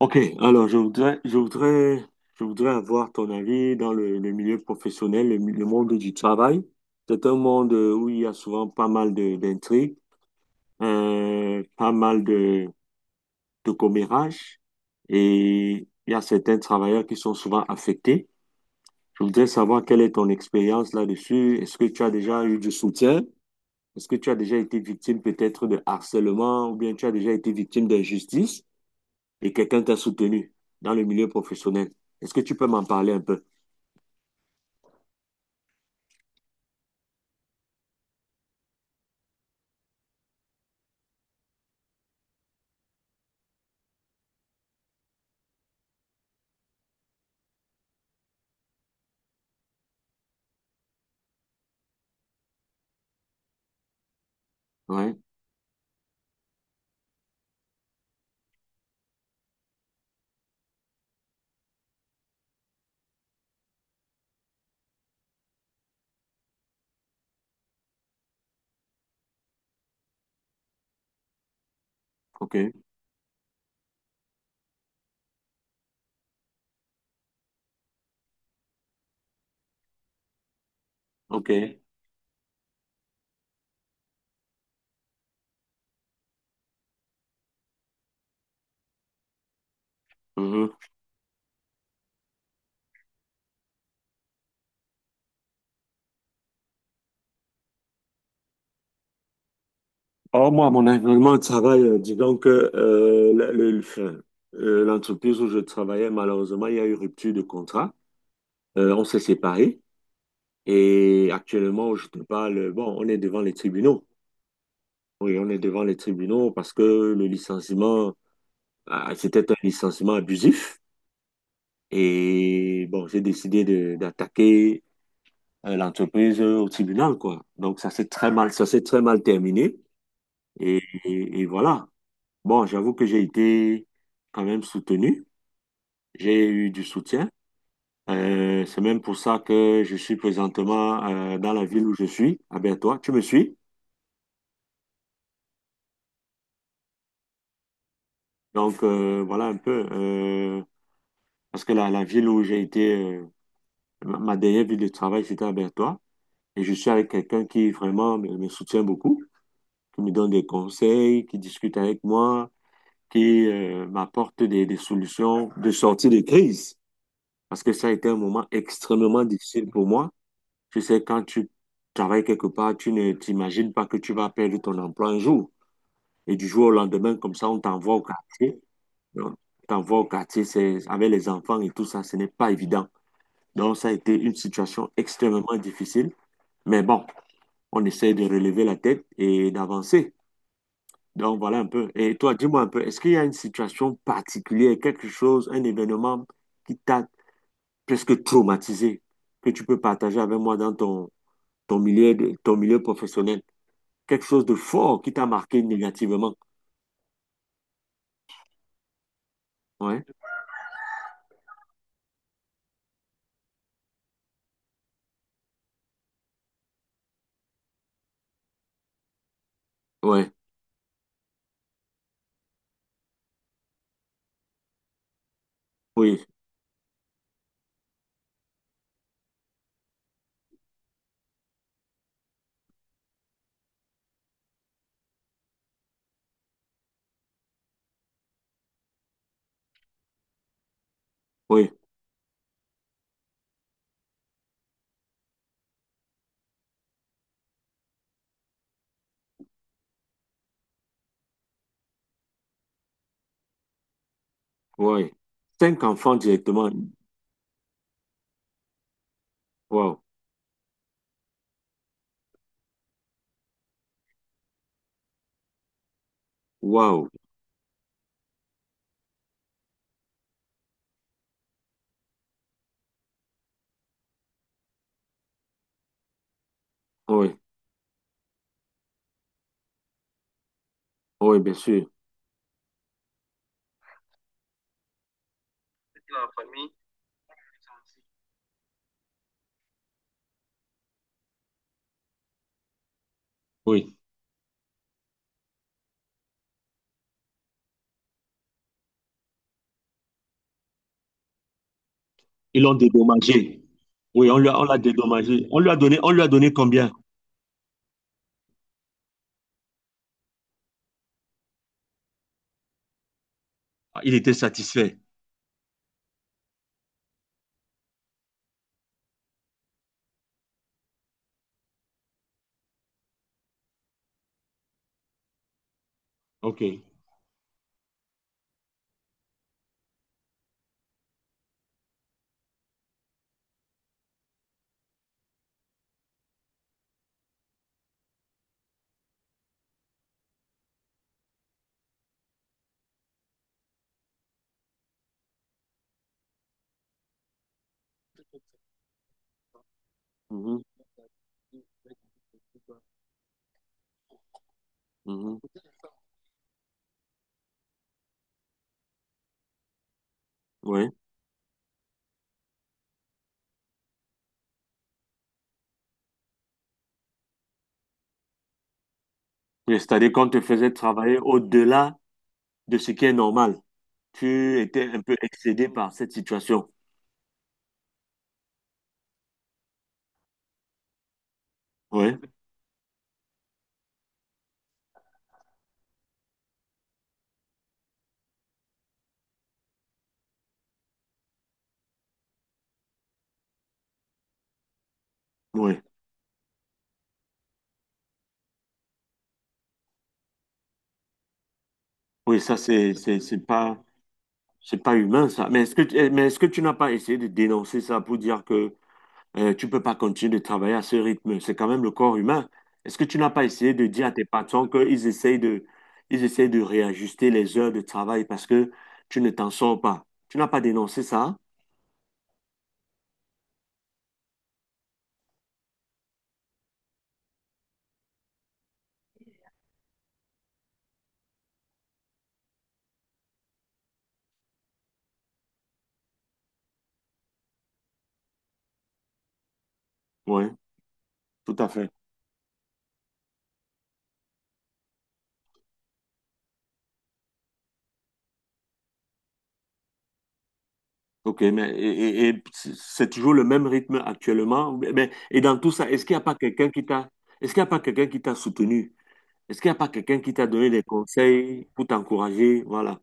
Ok, alors je voudrais avoir ton avis dans le milieu professionnel, le monde du travail. C'est un monde où il y a souvent pas mal de, d'intrigues, pas mal de commérages et il y a certains travailleurs qui sont souvent affectés. Je voudrais savoir quelle est ton expérience là-dessus. Est-ce que tu as déjà eu du soutien? Est-ce que tu as déjà été victime peut-être de harcèlement ou bien tu as déjà été victime d'injustice? Et quelqu'un t'a soutenu dans le milieu professionnel. Est-ce que tu peux m'en parler un peu? Ouais, ok, ok. Mhm. Or, moi, mon environnement de travail, disons que enfin, l'entreprise où je travaillais, malheureusement, il y a eu rupture de contrat. On s'est séparés et actuellement, je te parle, bon, on est devant les tribunaux. Oui, on est devant les tribunaux parce que le licenciement, ah, c'était un licenciement abusif. Et bon, d'attaquer l'entreprise au tribunal, quoi. Donc, ça s'est très mal terminé. Et voilà. Bon, j'avoue que j'ai été quand même soutenu. J'ai eu du soutien. C'est même pour ça que je suis présentement dans la ville où je suis, à Bertois. Tu me suis? Donc, voilà un peu. Parce que la ville où j'ai été, ma dernière ville de travail, c'était à Bertois. Et je suis avec quelqu'un qui vraiment me soutient beaucoup, qui me donne des conseils, qui discute avec moi. Qui m'apporte des solutions de sortie de crise. Parce que ça a été un moment extrêmement difficile pour moi. Tu sais, quand tu travailles quelque part, tu ne t'imagines pas que tu vas perdre ton emploi un jour. Et du jour au lendemain, comme ça, on t'envoie au quartier. On t'envoie au quartier, c'est avec les enfants et tout ça, ce n'est pas évident. Donc, ça a été une situation extrêmement difficile. Mais bon, on essaie de relever la tête et d'avancer. Donc voilà un peu. Et toi, dis-moi un peu, est-ce qu'il y a une situation particulière, quelque chose, un événement qui t'a presque traumatisé, que tu peux partager avec moi dans ton, ton milieu de- ton milieu professionnel? Quelque chose de fort qui t'a marqué négativement. Ouais, ouais, oui, oui, oui. Cinq enfants directement. Waouh, waouh. Oui, oui, bien sûr. Oui, ils l'ont dédommagé. Oui, on lui a- on l'a dédommagé. On lui a donné combien? Ah, il était satisfait. OK. Mhm, mhm. Oui. Et c'est-à-dire qu'on te faisait travailler au-delà de ce qui est normal. Tu étais un peu excédé par cette situation. Oui, oui. Oui, ça, c'est pas humain, ça. Mais est-ce que, mais est-ce que tu n'as pas essayé de dénoncer ça pour dire que tu peux pas continuer de travailler à ce rythme? C'est quand même le corps humain. Est-ce que tu n'as pas essayé de dire à tes patrons qu'ils essayent de, ils essayent de réajuster les heures de travail parce que tu ne t'en sors pas? Tu n'as pas dénoncé ça? Oui, tout à fait. OK, mais et c'est toujours le même rythme actuellement. Ou mais, et dans tout ça, est-ce qu'il n'y a pas quelqu'un qui t'a, est-ce qu'il y a pas quelqu'un qui t'a soutenu? Est-ce qu'il n'y a pas quelqu'un qui t'a donné des conseils pour t'encourager? Voilà.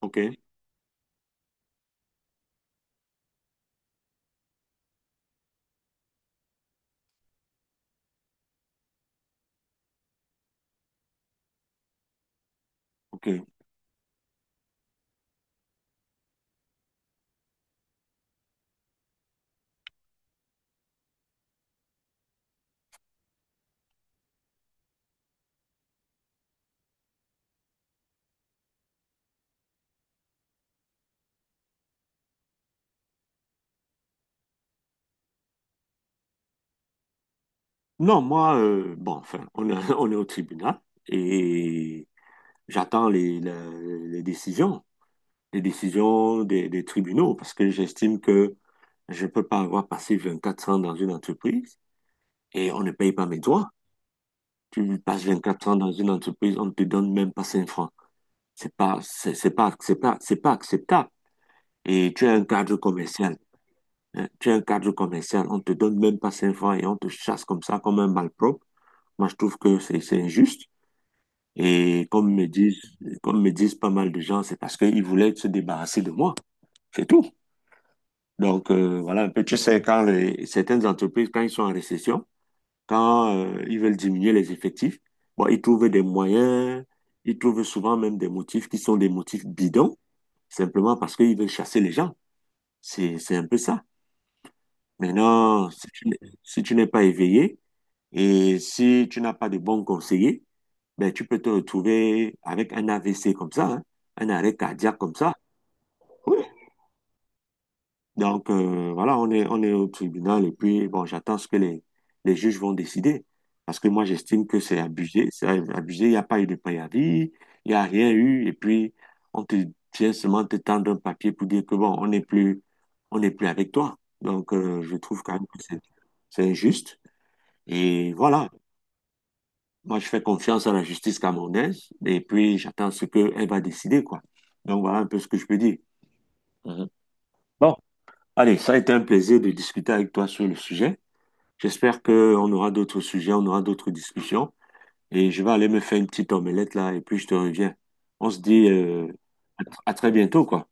OK, OK. Non, moi, bon, enfin, on est au tribunal et j'attends les décisions. Les décisions des tribunaux parce que j'estime que je ne peux pas avoir passé 24 ans dans une entreprise et on ne paye pas mes droits. Tu passes 24 ans dans une entreprise, on ne te donne même pas 5 francs. C'est pas, c'est pas, c'est pas acceptable. Et tu es un cadre commercial. Hein. Tu es un cadre commercial, on ne te donne même pas 5 francs et on te chasse comme ça, comme un malpropre. Moi, je trouve que c'est injuste. Et comme me disent, comme me disent pas mal de gens, c'est parce qu'ils voulaient se débarrasser de moi. C'est tout. Donc, voilà un peu, tu sais, quand certaines entreprises, quand ils sont en récession, quand ils veulent diminuer les effectifs, bon, ils trouvent des moyens, ils trouvent souvent même des motifs qui sont des motifs bidons, simplement parce qu'ils veulent chasser les gens. C'est un peu ça. Maintenant, si tu n'es pas éveillé et si tu n'as pas de bons conseillers, ben, tu peux te retrouver avec un AVC comme ça, hein, un arrêt cardiaque comme ça. Oui, donc, voilà, on est au tribunal et puis, bon, j'attends ce que les juges vont décider. Parce que moi, j'estime que c'est abusé, il n'y a pas eu de préavis, il n'y a rien eu. Et puis, on te vient seulement te tendre un papier pour dire que, bon, on n'est plus avec toi. Donc, je trouve quand même que c'est injuste. Et voilà, moi, je fais confiance à la justice camerounaise et puis, j'attends ce qu'elle va décider, quoi. Donc, voilà un peu ce que je peux dire. Mhm. Bon, allez, ça a été un plaisir de discuter avec toi sur le sujet. J'espère qu'on aura d'autres sujets, on aura d'autres discussions. Et je vais aller me faire une petite omelette là, et puis je te reviens. On se dit à très bientôt, quoi.